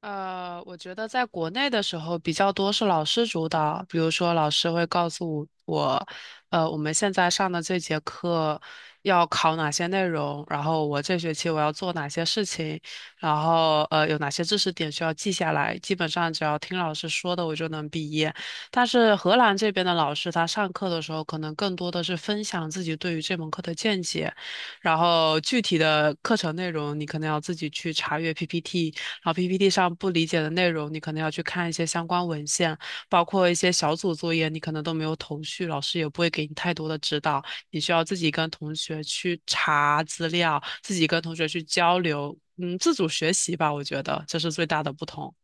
我觉得在国内的时候比较多是老师主导，比如说老师会告诉我，我们现在上的这节课要考哪些内容，然后我这学期我要做哪些事情，然后有哪些知识点需要记下来，基本上只要听老师说的我就能毕业。但是荷兰这边的老师他上课的时候可能更多的是分享自己对于这门课的见解，然后具体的课程内容你可能要自己去查阅 PPT。然后 PPT 上不理解的内容，你可能要去看一些相关文献，包括一些小组作业，你可能都没有头绪，老师也不会给你太多的指导，你需要自己跟同学去查资料，自己跟同学去交流，自主学习吧，我觉得这是最大的不同。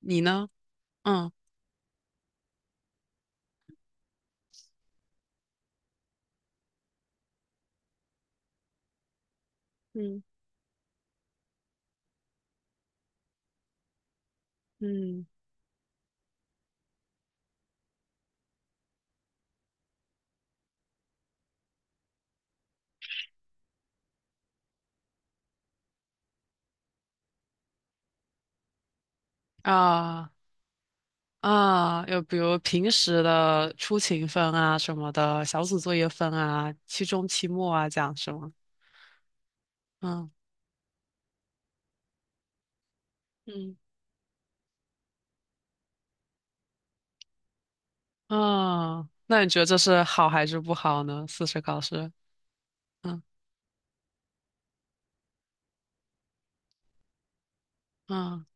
你呢？嗯。嗯。嗯。啊。啊，又比如平时的出勤分啊什么的，小组作业分啊，期中、期末啊，这样是吗？嗯。嗯。嗯，那你觉得这是好还是不好呢？四十考试，嗯。嗯。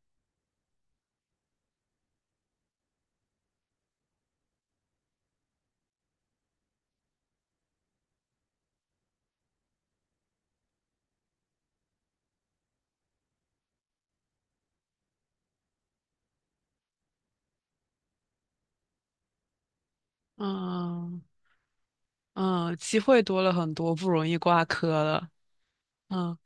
嗯。嗯，机会多了很多，不容易挂科了。嗯。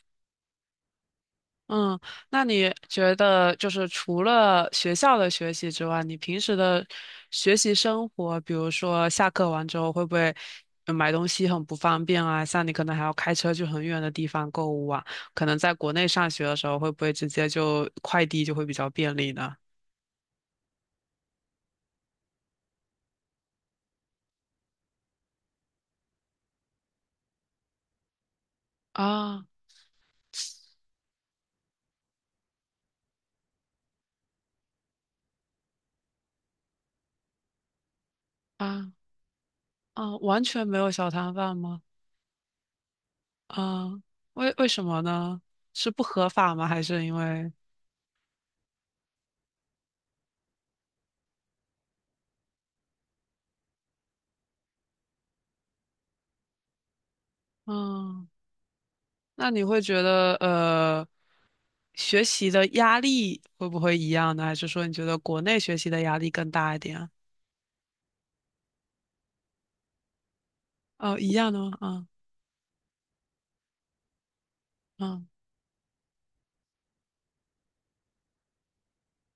嗯，那你觉得就是除了学校的学习之外，你平时的学习生活，比如说下课完之后会不会买东西很不方便啊？像你可能还要开车去很远的地方购物啊，可能在国内上学的时候会不会直接就快递就会比较便利呢？啊。啊。啊，完全没有小摊贩吗？啊，为什么呢？是不合法吗？还是因为，嗯，那你会觉得，学习的压力会不会一样呢？还是说你觉得国内学习的压力更大一点啊？哦，一样的吗？嗯。嗯。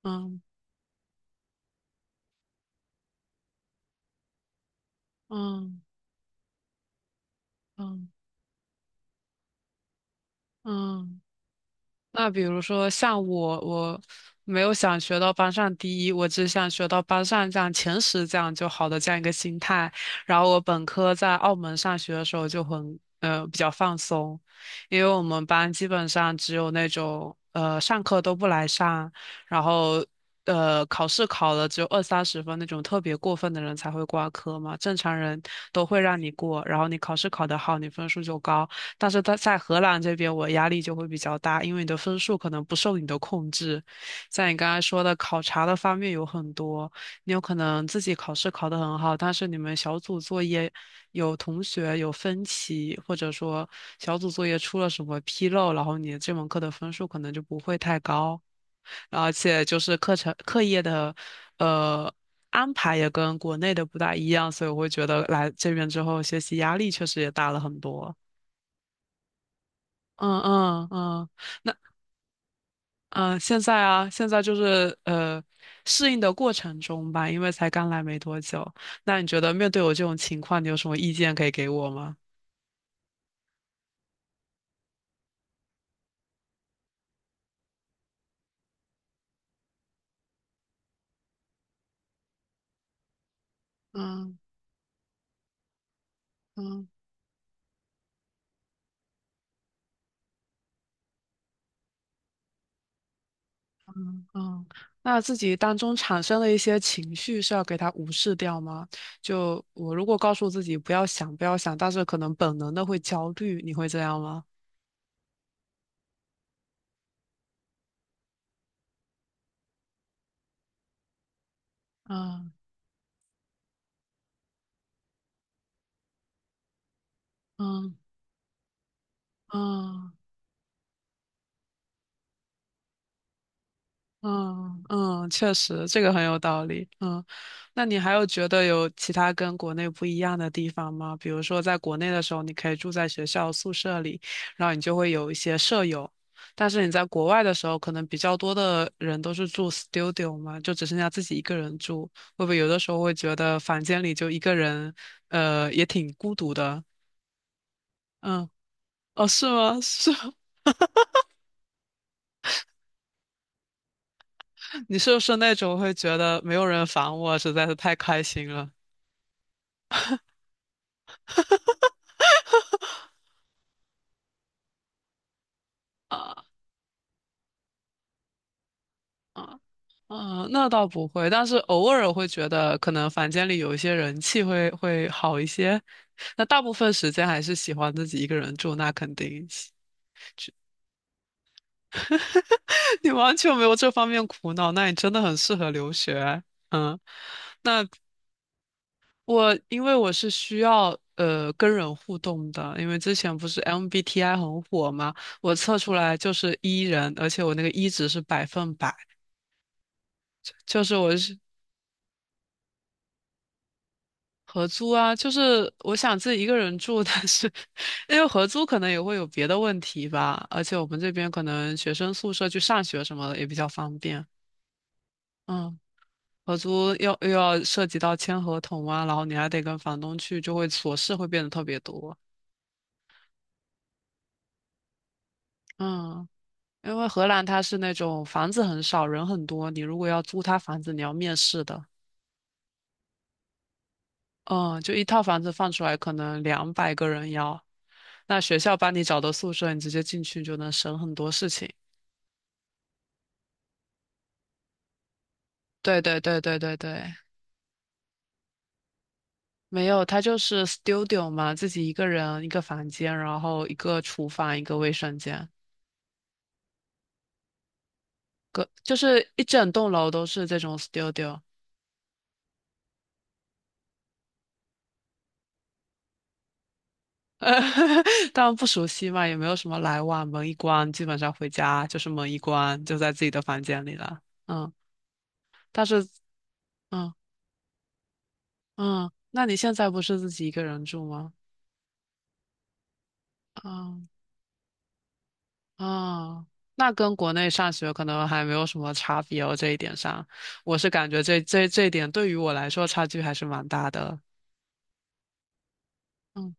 嗯。嗯。嗯。嗯。那比如说像我没有想学到班上第一，我只想学到班上这样前十这样就好的这样一个心态。然后我本科在澳门上学的时候就很比较放松，因为我们班基本上只有那种上课都不来上，然后考试考了只有二三十分那种特别过分的人才会挂科嘛，正常人都会让你过，然后你考试考得好，你分数就高。但是他在荷兰这边，我压力就会比较大，因为你的分数可能不受你的控制。像你刚才说的考察的方面有很多，你有可能自己考试考得很好，但是你们小组作业有同学有分歧，或者说小组作业出了什么纰漏，然后你这门课的分数可能就不会太高。而且就是课程课业的呃安排也跟国内的不大一样，所以我会觉得来这边之后学习压力确实也大了很多。嗯。嗯。嗯，那嗯，现在啊，现在就是适应的过程中吧，因为才刚来没多久。那你觉得面对我这种情况，你有什么意见可以给我吗？嗯。嗯。嗯，那自己当中产生的一些情绪是要给它无视掉吗？就我如果告诉自己不要想，不要想，但是可能本能的会焦虑，你会这样吗？嗯。嗯。嗯。嗯。嗯，确实，这个很有道理。嗯，那你还有觉得有其他跟国内不一样的地方吗？比如说，在国内的时候，你可以住在学校宿舍里，然后你就会有一些舍友，但是你在国外的时候，可能比较多的人都是住 studio 嘛，就只剩下自己一个人住，会不会有的时候会觉得房间里就一个人，也挺孤独的？嗯，哦，是吗？是，你是不是那种会觉得没有人烦我，实在是太开心了？啊？嗯，那倒不会，但是偶尔会觉得可能房间里有一些人气会好一些。那大部分时间还是喜欢自己一个人住，那肯定。你完全没有这方面苦恼，那你真的很适合留学。嗯，那我因为我是需要跟人互动的，因为之前不是 MBTI 很火嘛，我测出来就是 E 人，而且我那个 E 值是百分百，就是我是合租啊，就是我想自己一个人住，但是因为合租可能也会有别的问题吧，而且我们这边可能学生宿舍去上学什么的也比较方便。嗯，合租要又要涉及到签合同啊，然后你还得跟房东去，就会琐事会变得特别多。嗯，因为荷兰它是那种房子很少，人很多，你如果要租他房子，你要面试的。嗯，就一套房子放出来，可能两百个人要。那学校帮你找的宿舍，你直接进去就能省很多事情。对对对对对对，没有，它就是 studio 嘛，自己一个人一个房间，然后一个厨房，一个卫生间，个就是一整栋楼都是这种 studio。当然不熟悉嘛，也没有什么来往，门一关，基本上回家就是门一关，就在自己的房间里了。嗯，但是，嗯。嗯，那你现在不是自己一个人住吗？嗯。啊，那跟国内上学可能还没有什么差别哦，这一点上，我是感觉这一点对于我来说差距还是蛮大的。嗯。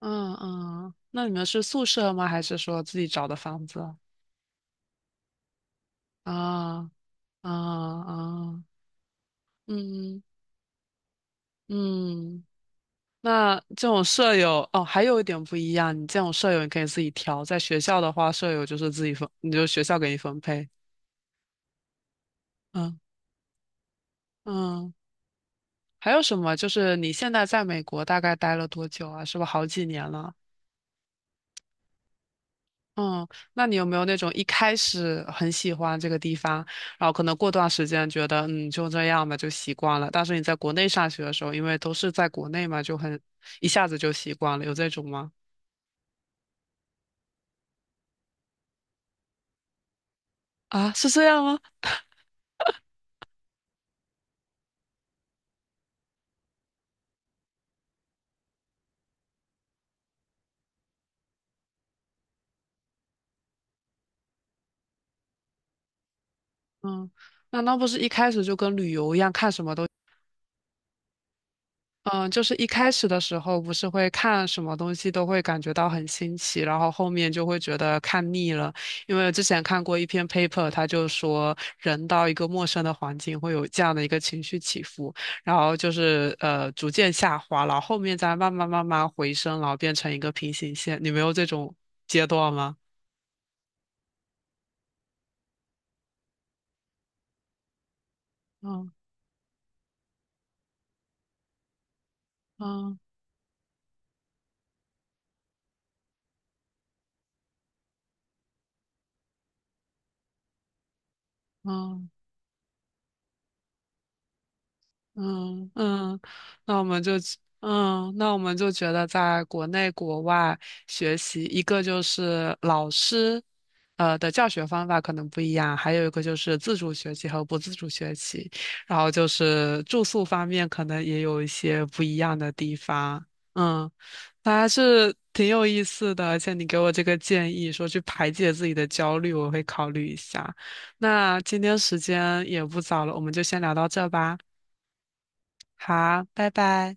嗯。嗯，那你们是宿舍吗？还是说自己找的房子？啊。啊。啊，嗯。嗯，那这种舍友哦，还有一点不一样，你这种舍友你可以自己挑，在学校的话，舍友就是自己分，你就学校给你分配。嗯。嗯。还有什么？就是你现在在美国大概待了多久啊？是不是好几年了？嗯，那你有没有那种一开始很喜欢这个地方，然后可能过段时间觉得就这样吧，就习惯了？但是你在国内上学的时候，因为都是在国内嘛，就很一下子就习惯了，有这种吗？啊，是这样吗？嗯，那不是一开始就跟旅游一样，看什么都。嗯，就是一开始的时候，不是会看什么东西都会感觉到很新奇，然后后面就会觉得看腻了。因为之前看过一篇 paper，他就说人到一个陌生的环境会有这样的一个情绪起伏，然后就是逐渐下滑，然后后面再慢慢慢慢回升，然后变成一个平行线。你没有这种阶段吗？嗯。嗯。嗯。嗯。嗯，那我们就那我们就觉得在国内国外学习，一个就是老师的教学方法可能不一样，还有一个就是自主学习和不自主学习，然后就是住宿方面可能也有一些不一样的地方。嗯，那还是挺有意思的，而且你给我这个建议说去排解自己的焦虑，我会考虑一下。那今天时间也不早了，我们就先聊到这吧。好，拜拜。